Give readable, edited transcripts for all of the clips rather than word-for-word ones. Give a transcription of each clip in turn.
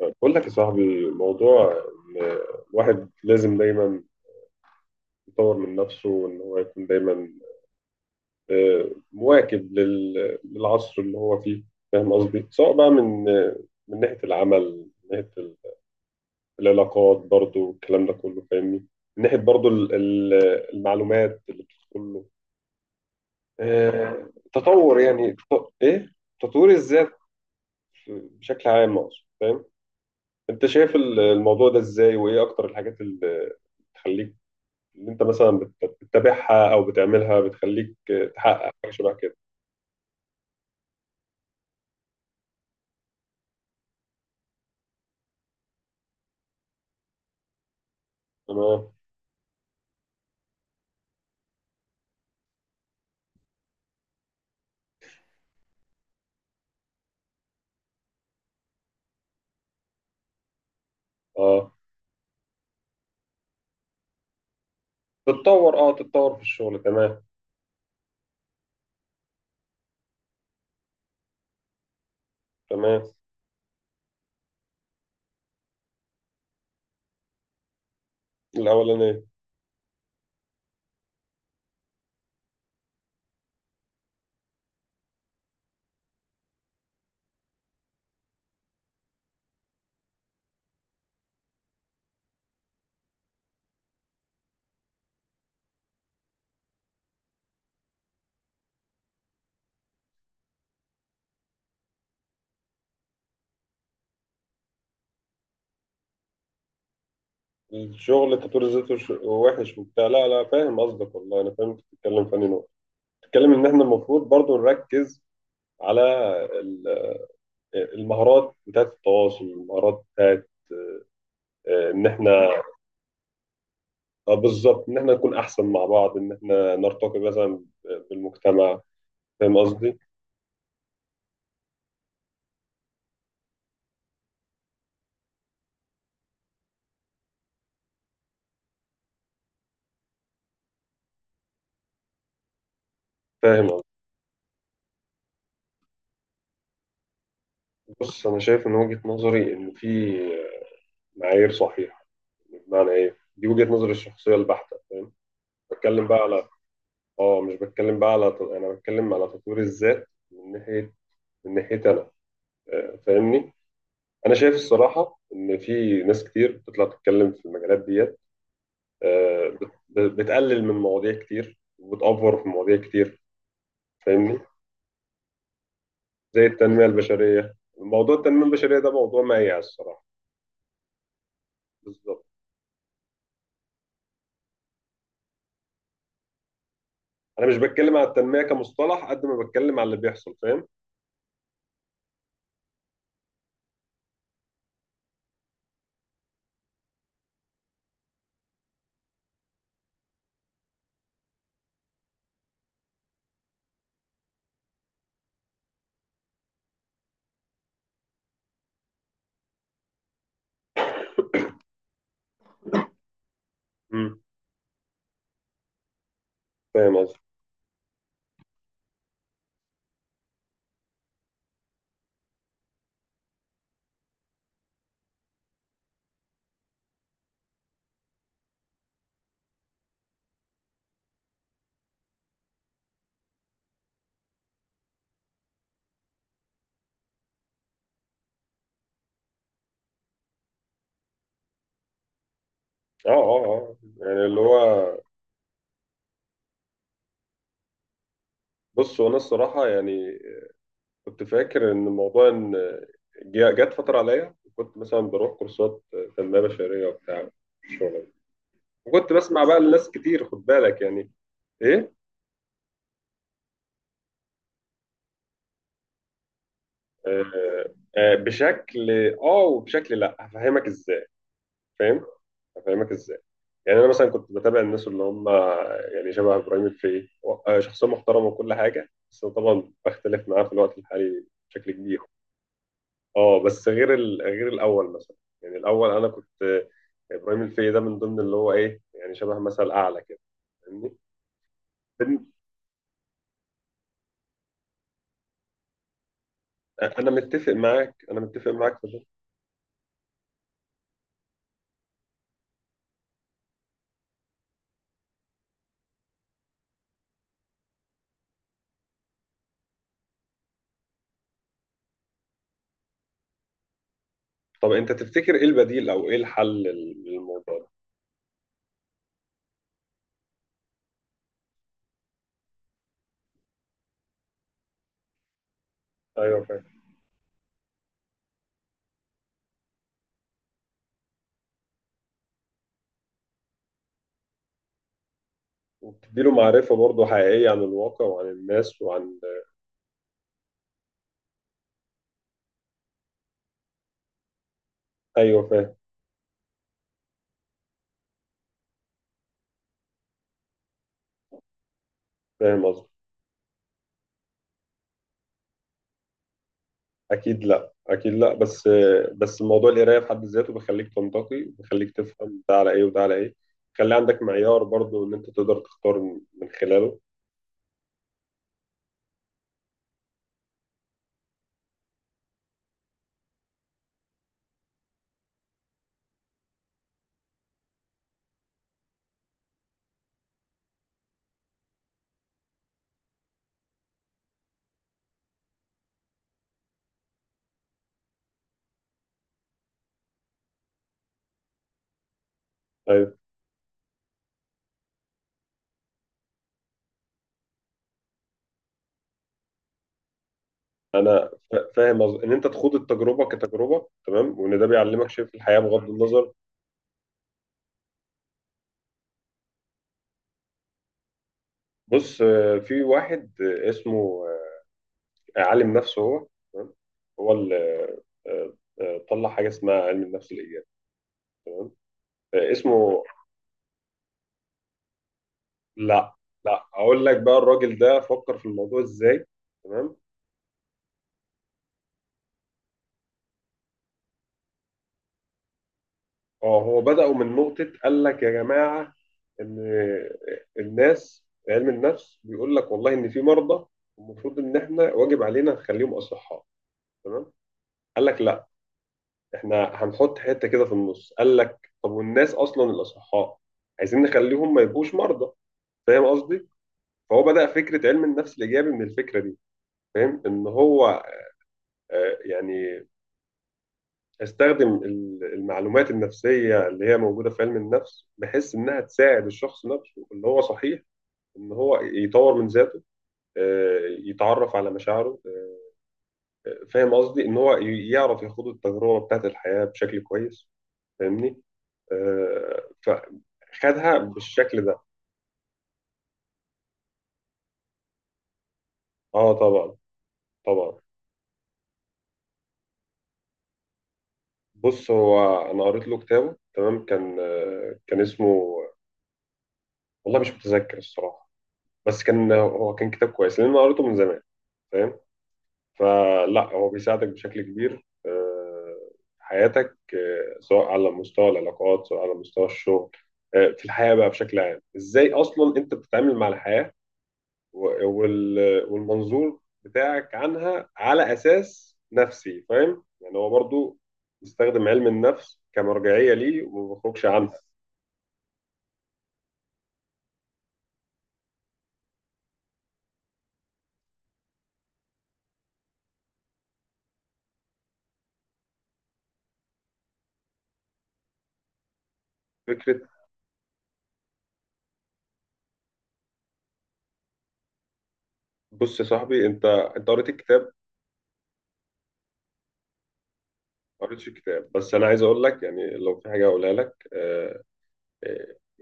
بقول لك يا صاحبي موضوع إن الواحد لازم دايما يطور من نفسه، وان هو يكون دايما، مواكب للعصر اللي هو فيه. فاهم قصدي؟ سواء بقى من ناحية العمل، من ناحية العلاقات، برضو الكلام ده كله، فاهمني؟ من ناحية برضو المعلومات اللي بتدخل له، تطور يعني، ايه، تطوير الذات بشكل عام اقصد. فاهم؟ انت شايف الموضوع ده ازاي؟ وايه اكتر الحاجات اللي تخليك اللي انت مثلا بتتابعها او بتعملها بتخليك تحقق حاجه شبه كده؟ تمام. اه اه تتطور في الشغل. تمام. تمام. الاولانيه. الشغل انت بتقول ذاته وحش وبتاع؟ لا، لا، فاهم قصدك. والله انا فاهم، انت بتتكلم في أنهي نقطه. بتتكلم ان احنا المفروض برضو نركز على ال- المهارات بتاعت التواصل، المهارات بتاعت، ان احنا، بالظبط، ان احنا نكون احسن مع بعض، ان احنا نرتقي مثلا بالمجتمع. فاهم قصدي؟ فاهم. بص، انا شايف من وجهة نظري ان في معايير صحيحة. بمعنى ايه؟ دي وجهة نظري الشخصية البحتة، فاهم؟ بتكلم بقى على، اه مش بتكلم بقى على، انا بتكلم على تطوير الذات من ناحية انا، فاهمني؟ انا شايف الصراحة ان في ناس كتير بتطلع تتكلم في المجالات ديت، بتقلل من مواضيع كتير، وبتأفور في مواضيع كتير، فاهمني؟ زي التنمية البشرية. موضوع التنمية البشرية ده موضوع مايع الصراحة. بالظبط. انا مش بتكلم على التنميه كمصطلح قد ما بتكلم على اللي بيحصل، فاهم؟ امم فاهم قصدي. اه، اه، اه، يعني اللي هو، بص، هو انا الصراحه يعني كنت فاكر ان موضوع ان، جت فتره عليا كنت مثلا بروح كورسات تنميه بشريه وبتاع الشغل ده. وكنت بسمع بقى لناس كتير، خد بالك يعني، ايه، آه آه بشكل اه وبشكل، لا هفهمك ازاي. فاهم؟ هفهمك ازاي. يعني انا مثلا كنت بتابع الناس اللي هم يعني شبه ابراهيم الفقي، شخصيه محترمه وكل حاجه، بس طبعا بختلف معاه في الوقت الحالي بشكل كبير. اه، بس غير غير الاول مثلا. يعني الاول انا كنت، ابراهيم الفقي ده من ضمن اللي هو ايه، يعني شبه مثل اعلى كده، فاهمني؟ بن- انا متفق معاك، انا متفق معاك في ده. طب انت تفتكر ايه البديل، او ايه الحل للموضوع ده؟ ايوه فاهم، وبتديله معرفه برضه حقيقيه عن الواقع وعن الناس وعن. ايوه فاهم، فاهم قصدي. اكيد لا، اكيد لا، بس موضوع القرايه في حد ذاته بيخليك تنتقي، بيخليك تفهم ده على ايه وده على ايه. خلي عندك معيار برضو ان انت تقدر تختار من خلاله. طيب. انا فاهم، ان انت تخوض التجربه كتجربه، تمام، وان ده بيعلمك شيء في الحياه بغض النظر. بص، في واحد، اسمه، عالم نفسه هو، تمام، هو اللي، آه، طلع حاجه اسمها علم النفس الايجابي. اسمه، لا. لا اقول لك بقى الراجل ده فكر في الموضوع ازاي. تمام. اه، هو بدأوا من نقطة قال لك يا جماعة، إن الناس علم النفس بيقول لك والله إن في مرضى المفروض إن إحنا واجب علينا نخليهم أصحاء، تمام؟ قال لك لا، إحنا هنحط حتة كده في النص. قال لك طب والناس أصلا الأصحاء عايزين نخليهم ما يبقوش مرضى. فاهم قصدي؟ فهو بدأ فكرة علم النفس الإيجابي من الفكرة دي. فاهم؟ إن هو، يعني، استخدم المعلومات النفسيه اللي هي موجوده في علم النفس بحيث انها تساعد الشخص نفسه اللي هو صحيح ان هو يطور من ذاته، آه، يتعرف على مشاعره، فاهم قصدي ان هو يعرف يخوض التجربه بتاعت الحياه بشكل كويس، فاهمني؟ فخدها بالشكل ده. اه طبعا، طبعا. بص، هو انا قريت له كتابه، تمام، كان اسمه، والله مش متذكر الصراحه، بس كان كتاب كويس لان انا قريته من زمان، فاهم؟ فلا، هو بيساعدك بشكل كبير، في حياتك، سواء على مستوى العلاقات، سواء على مستوى الشغل، في الحياة بقى بشكل عام، ازاي اصلا انت بتتعامل مع الحياة، والمنظور بتاعك عنها على اساس نفسي، فاهم؟ يعني هو برضو بيستخدم علم النفس كمرجعية ليه، وما بيخرجش عنها. فكرة. بص يا صاحبي، انت قريت الكتاب. ما قريتش الكتاب، بس انا عايز اقول لك يعني لو في حاجة اقولها لك، آه،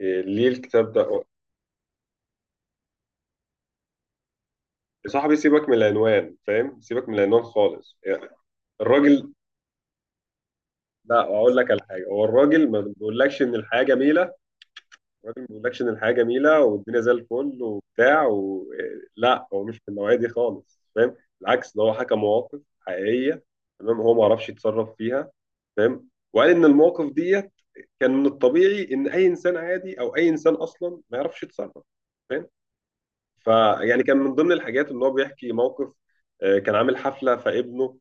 آه، ليه الكتاب ده. يا صاحبي سيبك من العنوان، فاهم؟ سيبك من العنوان خالص يعني. الراجل، لا اقول لك على حاجه، هو الراجل ما بيقولكش ان الحياه جميله. الراجل ما بيقولكش ان الحياه جميله والدنيا زي الفل وبتاع لا، هو مش من النوعيه دي خالص، فاهم؟ بالعكس ده هو حكى مواقف حقيقيه، تمام، هو ما عرفش يتصرف فيها، فاهم؟ وقال ان المواقف دي كان من الطبيعي ان اي انسان عادي او اي انسان اصلا ما يعرفش يتصرف، فاهم؟ فيعني كان من ضمن الحاجات ان هو بيحكي موقف، كان عامل حفله فابنه،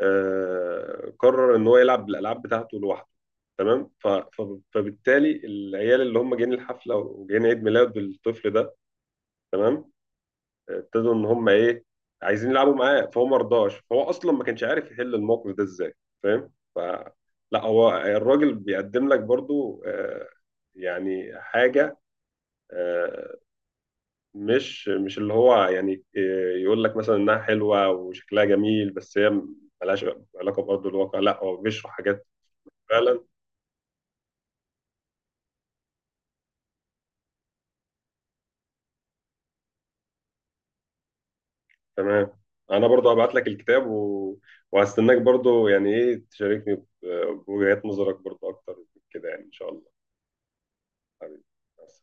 قرر ان هو يلعب الالعاب بتاعته لوحده، تمام، فبالتالي العيال اللي هم جايين الحفله وجايين عيد ميلاد الطفل ده، تمام، ابتدوا ان هم ايه، عايزين يلعبوا معاه، فهو ما رضاش، فهو اصلا ما كانش عارف يحل الموقف ده ازاي، فاهم؟ ف، لا هو الراجل بيقدم لك برضو، يعني حاجه، آه، مش اللي هو يعني يقول لك مثلا انها حلوه وشكلها جميل، بس هي ملهاش علاقه بارض الواقع، لا هو بيشرح حاجات فعلا. تمام. انا برضو هبعت لك الكتاب وهستناك برضو يعني، ايه، تشاركني بوجهات نظرك برضو اكتر كده يعني، ان شاء الله. حبيبي، بس.